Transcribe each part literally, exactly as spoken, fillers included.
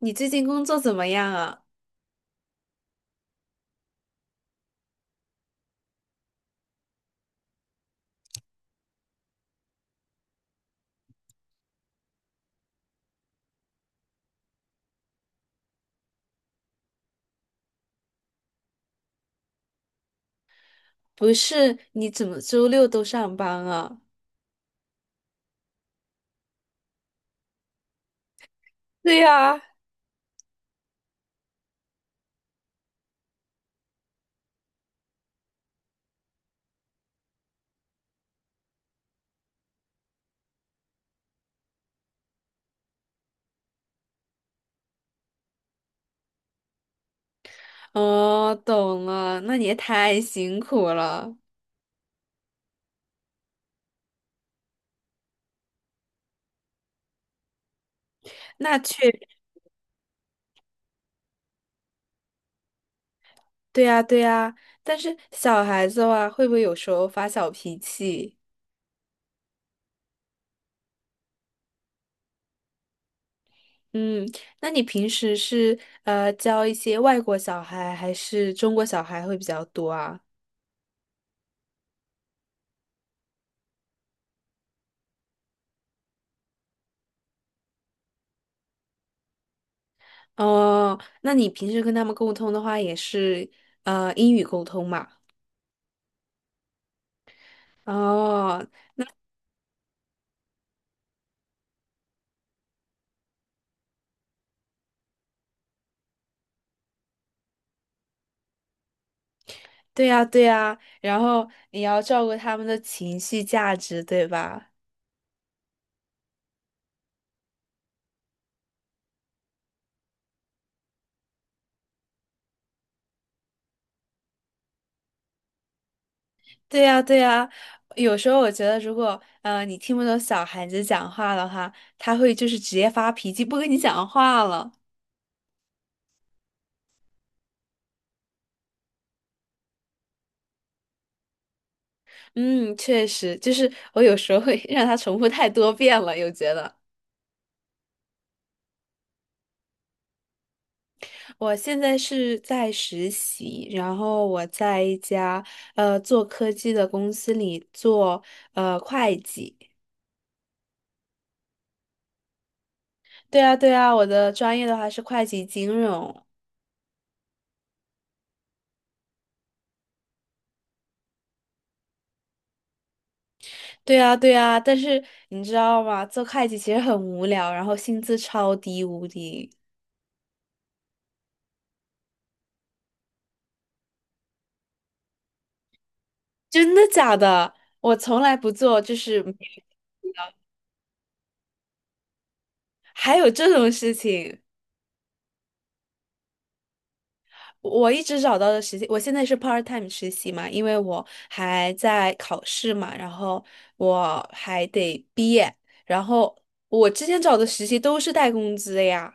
你最近工作怎么样啊？不是，你怎么周六都上班啊？对呀，哦，懂了，那你也太辛苦了。那确，对呀，对呀。但是小孩子哇，会不会有时候发小脾气？嗯，那你平时是呃教一些外国小孩还是中国小孩会比较多啊？哦，那你平时跟他们沟通的话，也是呃英语沟通嘛？哦，对呀，对呀，然后你要照顾他们的情绪价值，对吧？对呀，对呀，有时候我觉得，如果呃你听不懂小孩子讲话的话，他会就是直接发脾气，不跟你讲话了。嗯，确实，就是我有时候会 让他重复太多遍了，又觉得我现在是在实习，然后我在一家呃做科技的公司里做呃会计。对啊，对啊，我的专业的话是会计金融。对呀，对呀，但是你知道吗？做会计其实很无聊，然后薪资超低无敌。真的假的？我从来不做，就是没有的还有这种事情。我一直找到的实习，我现在是 part time 实习嘛，因为我还在考试嘛，然后我还得毕业，然后我之前找的实习都是带工资的呀。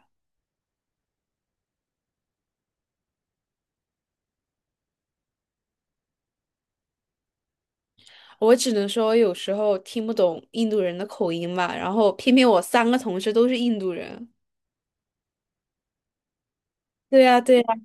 我只能说有时候听不懂印度人的口音嘛，然后偏偏我三个同事都是印度人。对呀，对呀，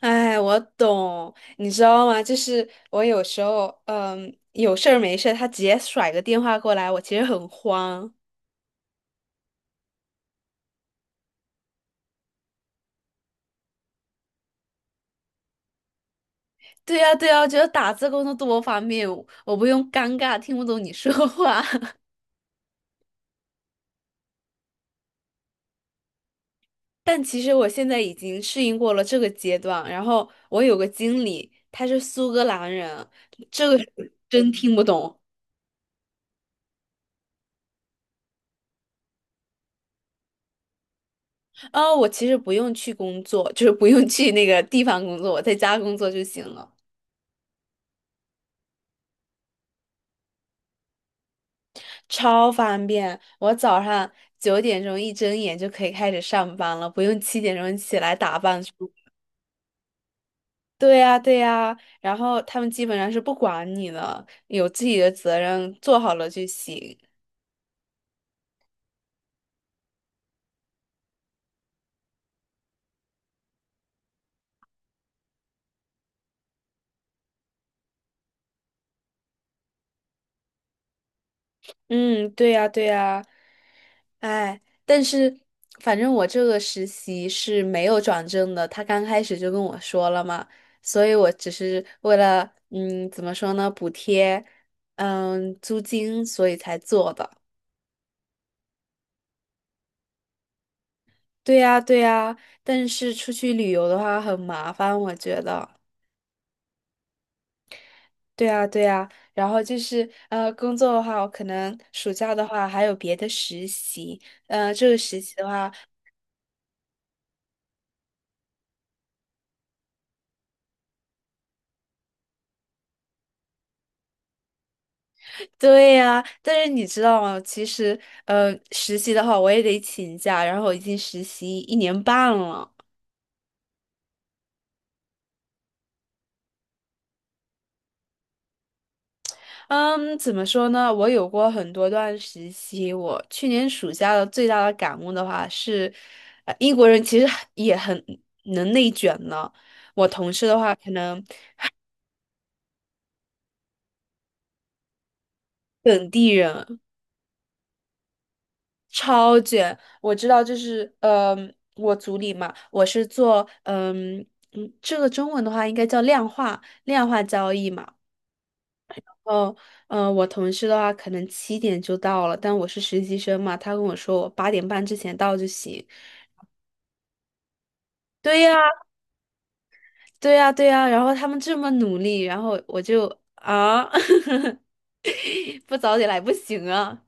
哎，我懂，你知道吗？就是我有时候，嗯，有事儿没事儿，他直接甩个电话过来，我其实很慌。对呀，对呀，我觉得打字工作多方便，我不用尴尬听不懂你说话。但其实我现在已经适应过了这个阶段。然后我有个经理，他是苏格兰人，这个是真听不懂。哦，我其实不用去工作，就是不用去那个地方工作，我在家工作就行了。超方便。我早上九点钟一睁眼就可以开始上班了，不用七点钟起来打扮出。对呀，对呀，然后他们基本上是不管你的，有自己的责任，做好了就行。嗯，对呀，对呀，哎，但是反正我这个实习是没有转正的，他刚开始就跟我说了嘛，所以我只是为了嗯，怎么说呢，补贴嗯租金，所以才做的。对呀，对呀，但是出去旅游的话很麻烦，我觉得。对呀，对呀，然后就是呃，工作的话，我可能暑假的话还有别的实习，呃，这个实习的话，对呀，但是你知道吗？其实呃，实习的话我也得请假，然后我已经实习一年半了。嗯，怎么说呢？我有过很多段时期。我去年暑假的最大的感悟的话是，呃，英国人其实很也很能内卷呢。我同事的话，可能本地人超卷。我知道，就是嗯，我组里嘛，我是做嗯嗯，这个中文的话应该叫量化量化交易嘛。哦，嗯，我同事的话可能七点就到了，但我是实习生嘛，他跟我说我八点半之前到就行。对呀。对呀，对呀，然后他们这么努力，然后我就啊，不早点来不行啊！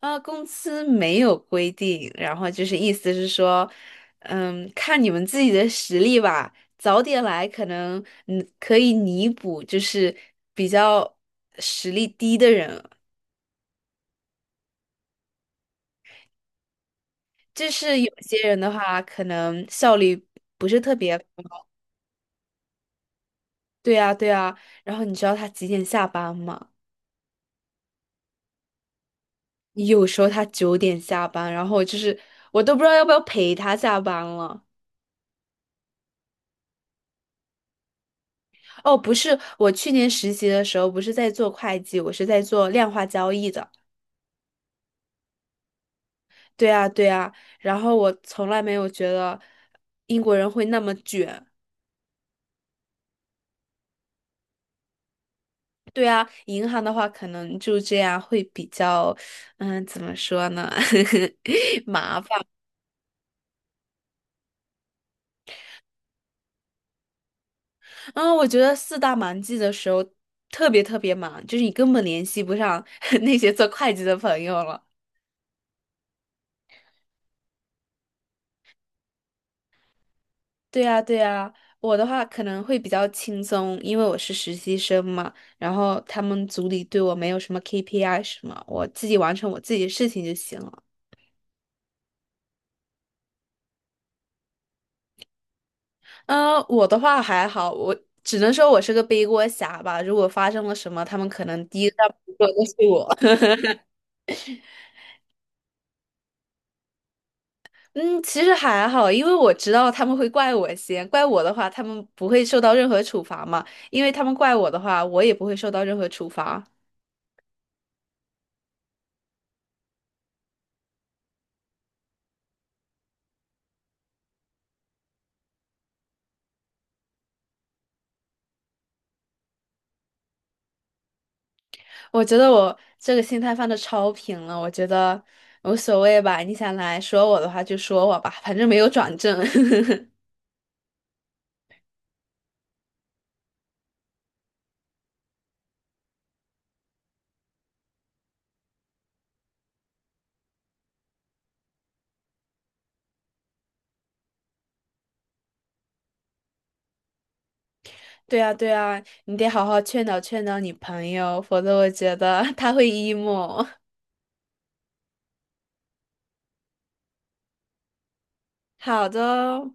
啊，公司没有规定，然后就是意思是说，嗯，看你们自己的实力吧，早点来可能嗯可以弥补，就是比较实力低的人，就是有些人的话，可能效率不是特别高对呀，对呀，然后你知道他几点下班吗？有时候他九点下班，然后就是我都不知道要不要陪他下班了。哦，不是，我去年实习的时候不是在做会计，我是在做量化交易的。对啊，对啊，然后我从来没有觉得英国人会那么卷。对啊，银行的话可能就这样会比较，嗯，怎么说呢，麻烦。嗯，我觉得四大忙季的时候特别特别忙，就是你根本联系不上 那些做会计的朋友了。对呀，对呀，我的话可能会比较轻松，因为我是实习生嘛，然后他们组里对我没有什么 K P I 什么，我自己完成我自己的事情就行了。嗯，我的话还好，我只能说我是个背锅侠吧。如果发生了什么，他们可能第一个说的是我。嗯，其实还好，因为我知道他们会怪我先，怪我的话，他们不会受到任何处罚嘛，因为他们怪我的话，我也不会受到任何处罚。我觉得我这个心态放的超平了，我觉得无所谓吧。你想来说我的话就说我吧，反正没有转正。对啊，对啊，你得好好劝导劝导你朋友，否则我觉得 他会 emo。好的哦。